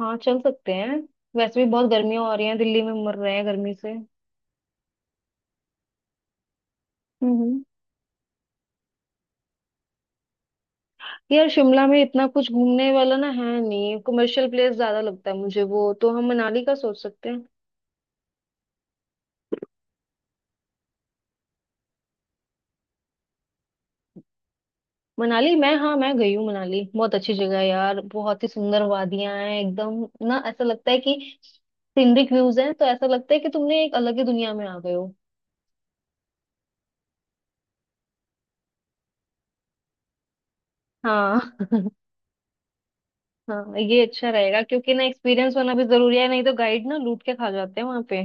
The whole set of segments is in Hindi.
हाँ, चल सकते हैं। वैसे भी बहुत गर्मियां हो रही हैं, दिल्ली में मर रहे हैं गर्मी से। हम्म। यार, शिमला में इतना कुछ घूमने वाला ना है, नहीं कमर्शियल प्लेस ज्यादा लगता है मुझे वो, तो हम मनाली का सोच सकते हैं। मनाली मैं, हाँ मैं गई हूँ मनाली। बहुत अच्छी जगह है यार, बहुत ही सुंदर वादियां हैं एकदम, ना ऐसा लगता है कि सीनरिक व्यूज हैं, तो ऐसा लगता है कि तुमने एक अलग ही दुनिया में आ गए हो। हाँ हाँ, ये अच्छा रहेगा क्योंकि ना एक्सपीरियंस होना भी जरूरी है, नहीं तो गाइड ना लूट के खा जाते हैं वहां पे।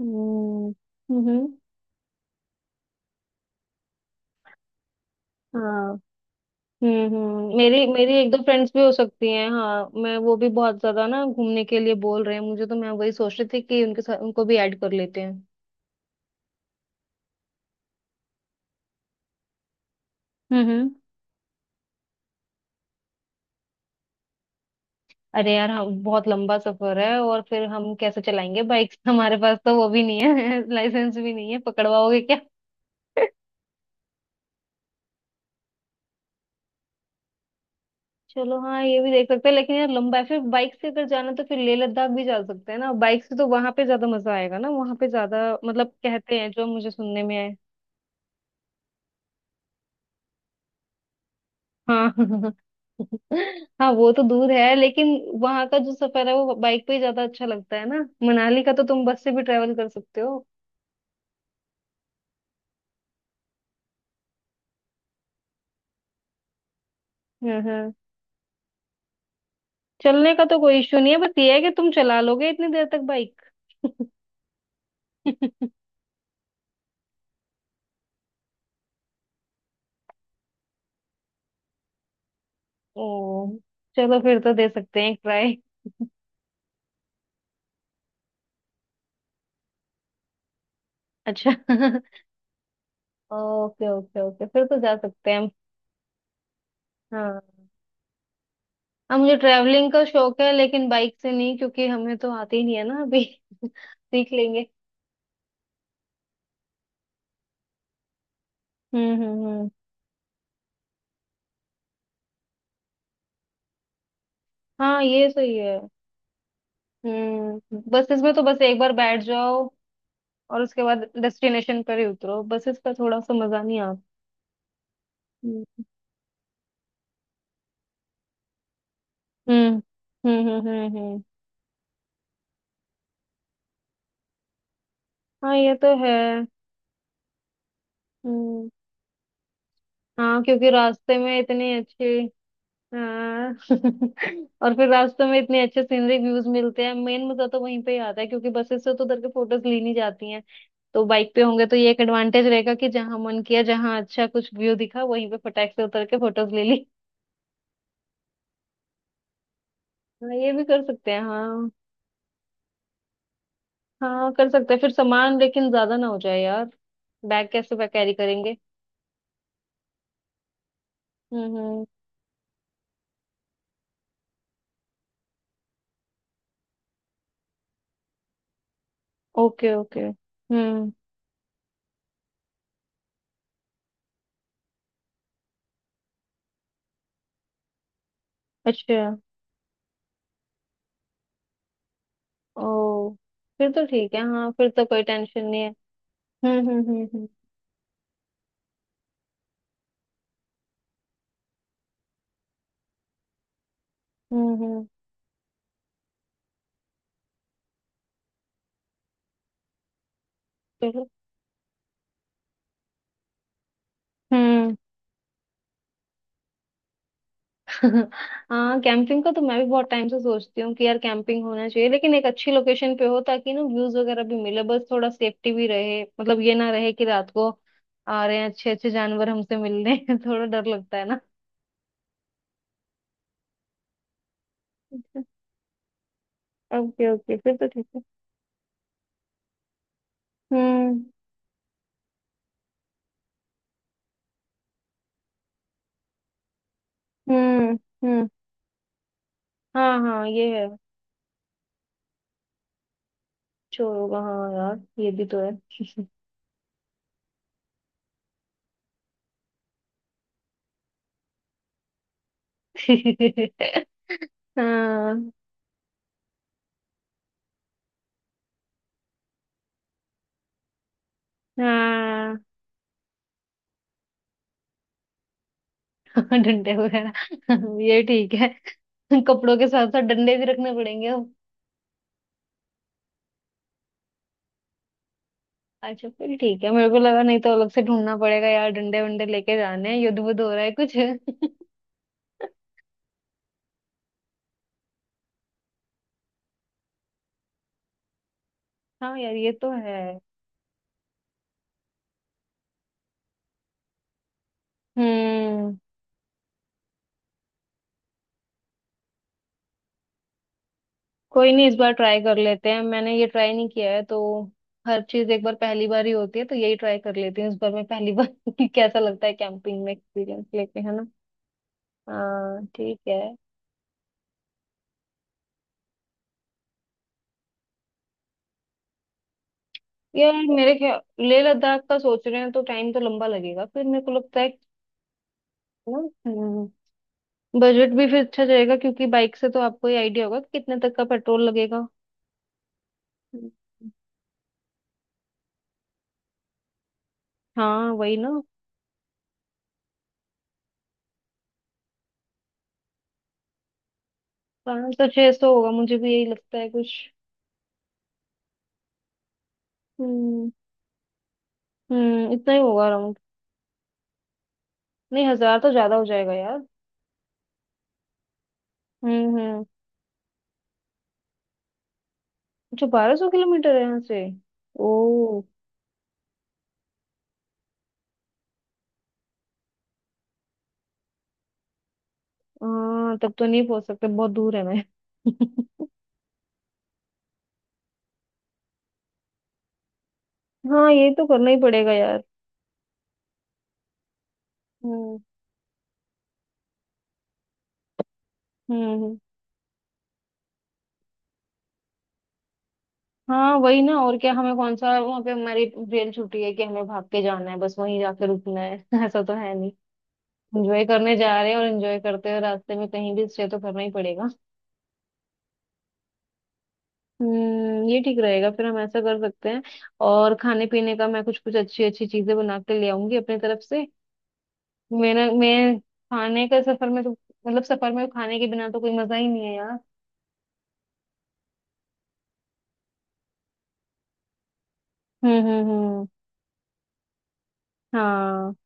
हम्म, हम्म। हाँ। हम्म। मेरी मेरी एक दो फ्रेंड्स भी हो सकती हैं, हाँ मैं, वो भी बहुत ज्यादा ना घूमने के लिए बोल रहे हैं मुझे, तो मैं वही सोच रही थी कि उनके साथ उनको भी ऐड कर लेते हैं। हम्म। अरे यार, हम बहुत लंबा सफर है और फिर हम कैसे चलाएंगे बाइक हमारे पास तो वो भी नहीं है लाइसेंस भी नहीं है, पकड़वाओगे क्या? चलो, हाँ ये भी देख सकते हैं, लेकिन यार लंबा है। फिर बाइक से अगर जाना तो फिर लेह लद्दाख भी जा सकते हैं ना बाइक से, तो वहां पे ज्यादा मजा आएगा ना, वहां पे ज्यादा मतलब कहते हैं जो मुझे सुनने में है। हाँ हाँ, वो तो दूर है लेकिन वहां का जो सफर है वो बाइक पे ही ज्यादा अच्छा लगता है ना। मनाली का तो तुम बस से भी ट्रेवल कर सकते हो। हाँ हाँ। चलने का तो कोई इशू नहीं है, बस ये है कि तुम चला लोगे इतनी देर तक बाइक? ओ, चलो फिर तो दे सकते हैं एक ट्राई। अच्छा ओके ओके ओके, फिर तो जा सकते हैं हम। हाँ। हाँ मुझे ट्रैवलिंग का शौक है, लेकिन बाइक से नहीं, क्योंकि हमें तो आती ही नहीं है ना अभी सीख लेंगे। हम्म। हाँ ये सही है। हम्म। बसेस में तो बस एक बार बैठ जाओ और उसके बाद डेस्टिनेशन पर ही उतरो, बसेस का थोड़ा सा मजा नहीं आता। हम्म, हम्म हम्म हम्म हम्म हम्म। हाँ ये तो है। हम्म। हाँ, क्योंकि रास्ते में इतनी अच्छी, हाँ और फिर रास्ते में इतने अच्छे सीनरी व्यूज मिलते हैं, मेन मजा तो वहीं पे ही आता है, क्योंकि बसेस से तो उधर के फोटोज ली नहीं जाती हैं। तो बाइक पे होंगे तो ये एक एडवांटेज रहेगा कि जहाँ मन किया, जहाँ अच्छा कुछ व्यू दिखा वहीं पे फटाक से उतर के फोटोज ले ली। हाँ ये भी कर सकते हैं, हाँ। हाँ कर सकते हैं, फिर सामान लेकिन ज्यादा ना हो जाए यार। बैग कैरी करेंगे? हम्म। Okay okay. हम्म। अच्छा, ओ, फिर तो ठीक है, हाँ फिर तो कोई टेंशन नहीं है। हम्म। हम्म हम्म, चलो। हम्म। हाँ, कैंपिंग का तो मैं भी बहुत टाइम से सोचती हूँ कि यार कैंपिंग होना चाहिए, लेकिन एक अच्छी लोकेशन पे हो ताकि ना व्यूज वगैरह भी मिले, बस थोड़ा सेफ्टी भी रहे, मतलब ये ना रहे कि रात को आ रहे हैं अच्छे अच्छे जानवर हमसे मिलने थोड़ा डर लगता है। ना, ओके ओके, फिर तो ठीक है। हम्म हम्म हम्म। हाँ हाँ ये है। चोर होगा हाँ यार, ये भी तो है। हाँ। हाँ डंडे वगैरह ये ठीक है। कपड़ों के साथ साथ डंडे भी रखने पड़ेंगे अब। अच्छा फिर ठीक है, मेरे को लगा नहीं तो अलग से ढूंढना पड़ेगा यार। डंडे वंडे लेके जाने हैं, युद्ध वुद्ध हो रहा है कुछ हाँ यार ये तो है। हम्म। कोई नहीं, इस बार ट्राई कर लेते हैं, मैंने ये ट्राई नहीं किया है तो। हर चीज एक बार पहली बार ही होती है, तो यही ट्राई कर लेती हूँ इस बार मैं, पहली बार कि कैसा लगता है कैंपिंग में एक्सपीरियंस लेके, है ना। हाँ ठीक है। यार मेरे ख्याल, लेह लद्दाख का सोच रहे हैं तो टाइम तो लंबा लगेगा। फिर मेरे को लगता है कि ना बजट भी फिर अच्छा जाएगा, क्योंकि बाइक से तो आपको ही आइडिया होगा कि कितने तक का पेट्रोल लगेगा। हम्म। हाँ वही ना। 500 600 होगा, मुझे भी यही लगता है कुछ। हम्म हम्म, इतना ही होगा। नहीं, 1,000 तो ज्यादा हो जाएगा यार। हम्म। अच्छा, 1,200 किलोमीटर है यहाँ से। ओ। हाँ तब तो नहीं पहुंच सकते, बहुत दूर है मैं हाँ ये तो करना ही पड़ेगा यार। हम्म। हम्म। हाँ वही ना, और क्या हमें कौन सा वहाँ पे हमारी रेल छुट्टी है कि हमें भाग के जाना है, बस वहीं जाके रुकना है ऐसा तो है नहीं। एंजॉय करने जा रहे हैं, और एंजॉय करते हुए रास्ते में कहीं भी स्टे तो करना ही पड़ेगा। हम्म, ये ठीक रहेगा, फिर हम ऐसा कर सकते हैं। और खाने पीने का मैं कुछ कुछ अच्छी अच्छी चीजें बना के ले आऊंगी अपनी तरफ से। मेरा, मैं खाने का सफर में तो, मतलब सफर में खाने के बिना तो कोई मजा ही नहीं है यार। हम्म। हाँ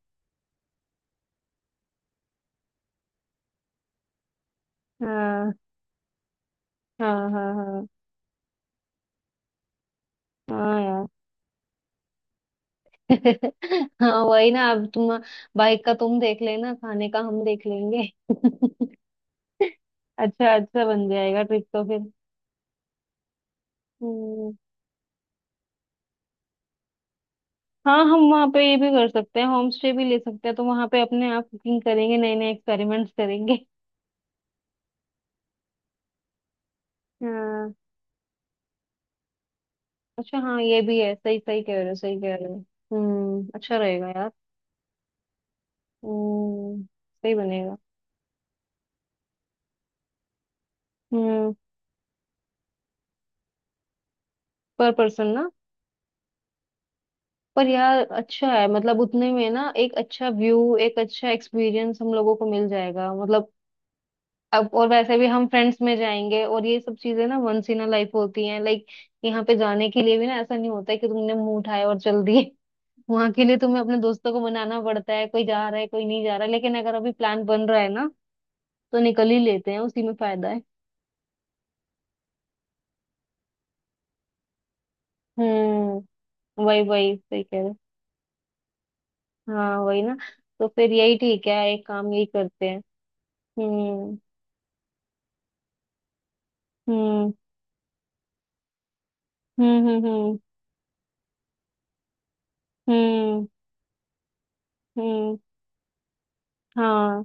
हाँ हाँ। हाँ। हाँ। हाँ यार हाँ वही ना, अब तुम बाइक का तुम देख लेना, खाने का हम देख लेंगे अच्छा अच्छा, बन जाएगा ट्रिप तो फिर। हम्म। हाँ, हम वहाँ पे ये भी कर सकते हैं, होम स्टे भी ले सकते हैं, तो वहाँ पे अपने आप कुकिंग करेंगे, नए नए एक्सपेरिमेंट्स करेंगे हाँ। अच्छा हाँ, ये भी है। सही सही कह रहे हो, सही कह रहे हो। हम्म, अच्छा रहेगा यार। हम्म, सही बनेगा। हम्म। पर पर्सन ना? पर यार अच्छा है, मतलब उतने में ना एक अच्छा व्यू, एक अच्छा एक्सपीरियंस हम लोगों को मिल जाएगा, मतलब। अब और वैसे भी हम फ्रेंड्स में जाएंगे, और ये सब चीजें ना वंस इन अ लाइफ होती हैं, लाइक यहाँ पे जाने के लिए भी ना ऐसा नहीं होता है कि तुमने मुंह उठाया और चल दिए वहां के लिए तुम्हें अपने दोस्तों को मनाना पड़ता है, कोई जा रहा है, कोई नहीं जा रहा है, लेकिन अगर अभी प्लान बन रहा है ना तो निकल ही लेते हैं, उसी में फायदा है। हम्म। वही वही, सही कह रहे हो। हाँ वही ना। तो फिर यही ठीक है, एक काम यही करते हैं। हम्म हम्म हम्म हम्म हम्म हम्म। हम्म, हाँ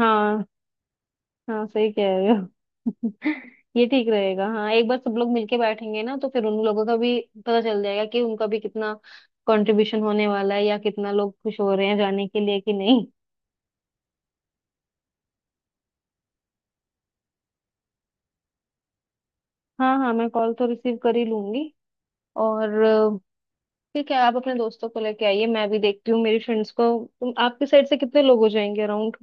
हाँ हाँ, सही कह रहे हो ये ठीक रहेगा, हाँ एक बार सब लोग मिलके बैठेंगे ना तो फिर उन लोगों का भी पता चल जाएगा कि उनका भी कितना कंट्रीब्यूशन होने वाला है, या कितना लोग खुश हो रहे हैं जाने के लिए कि नहीं। हाँ हाँ, मैं कॉल तो रिसीव कर ही लूंगी। और ठीक है, आप अपने दोस्तों को लेके आइए, मैं भी देखती हूँ मेरी फ्रेंड्स को। तुम, आपकी साइड से कितने लोग हो जाएंगे अराउंड?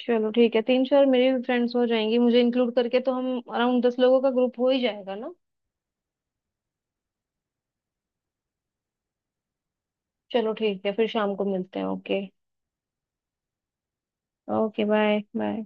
चलो ठीक है, तीन चार मेरी भी फ्रेंड्स हो जाएंगी मुझे इंक्लूड करके, तो हम अराउंड 10 लोगों का ग्रुप हो ही जाएगा ना। चलो ठीक है, फिर शाम को मिलते हैं, ओके। Okay, bye bye.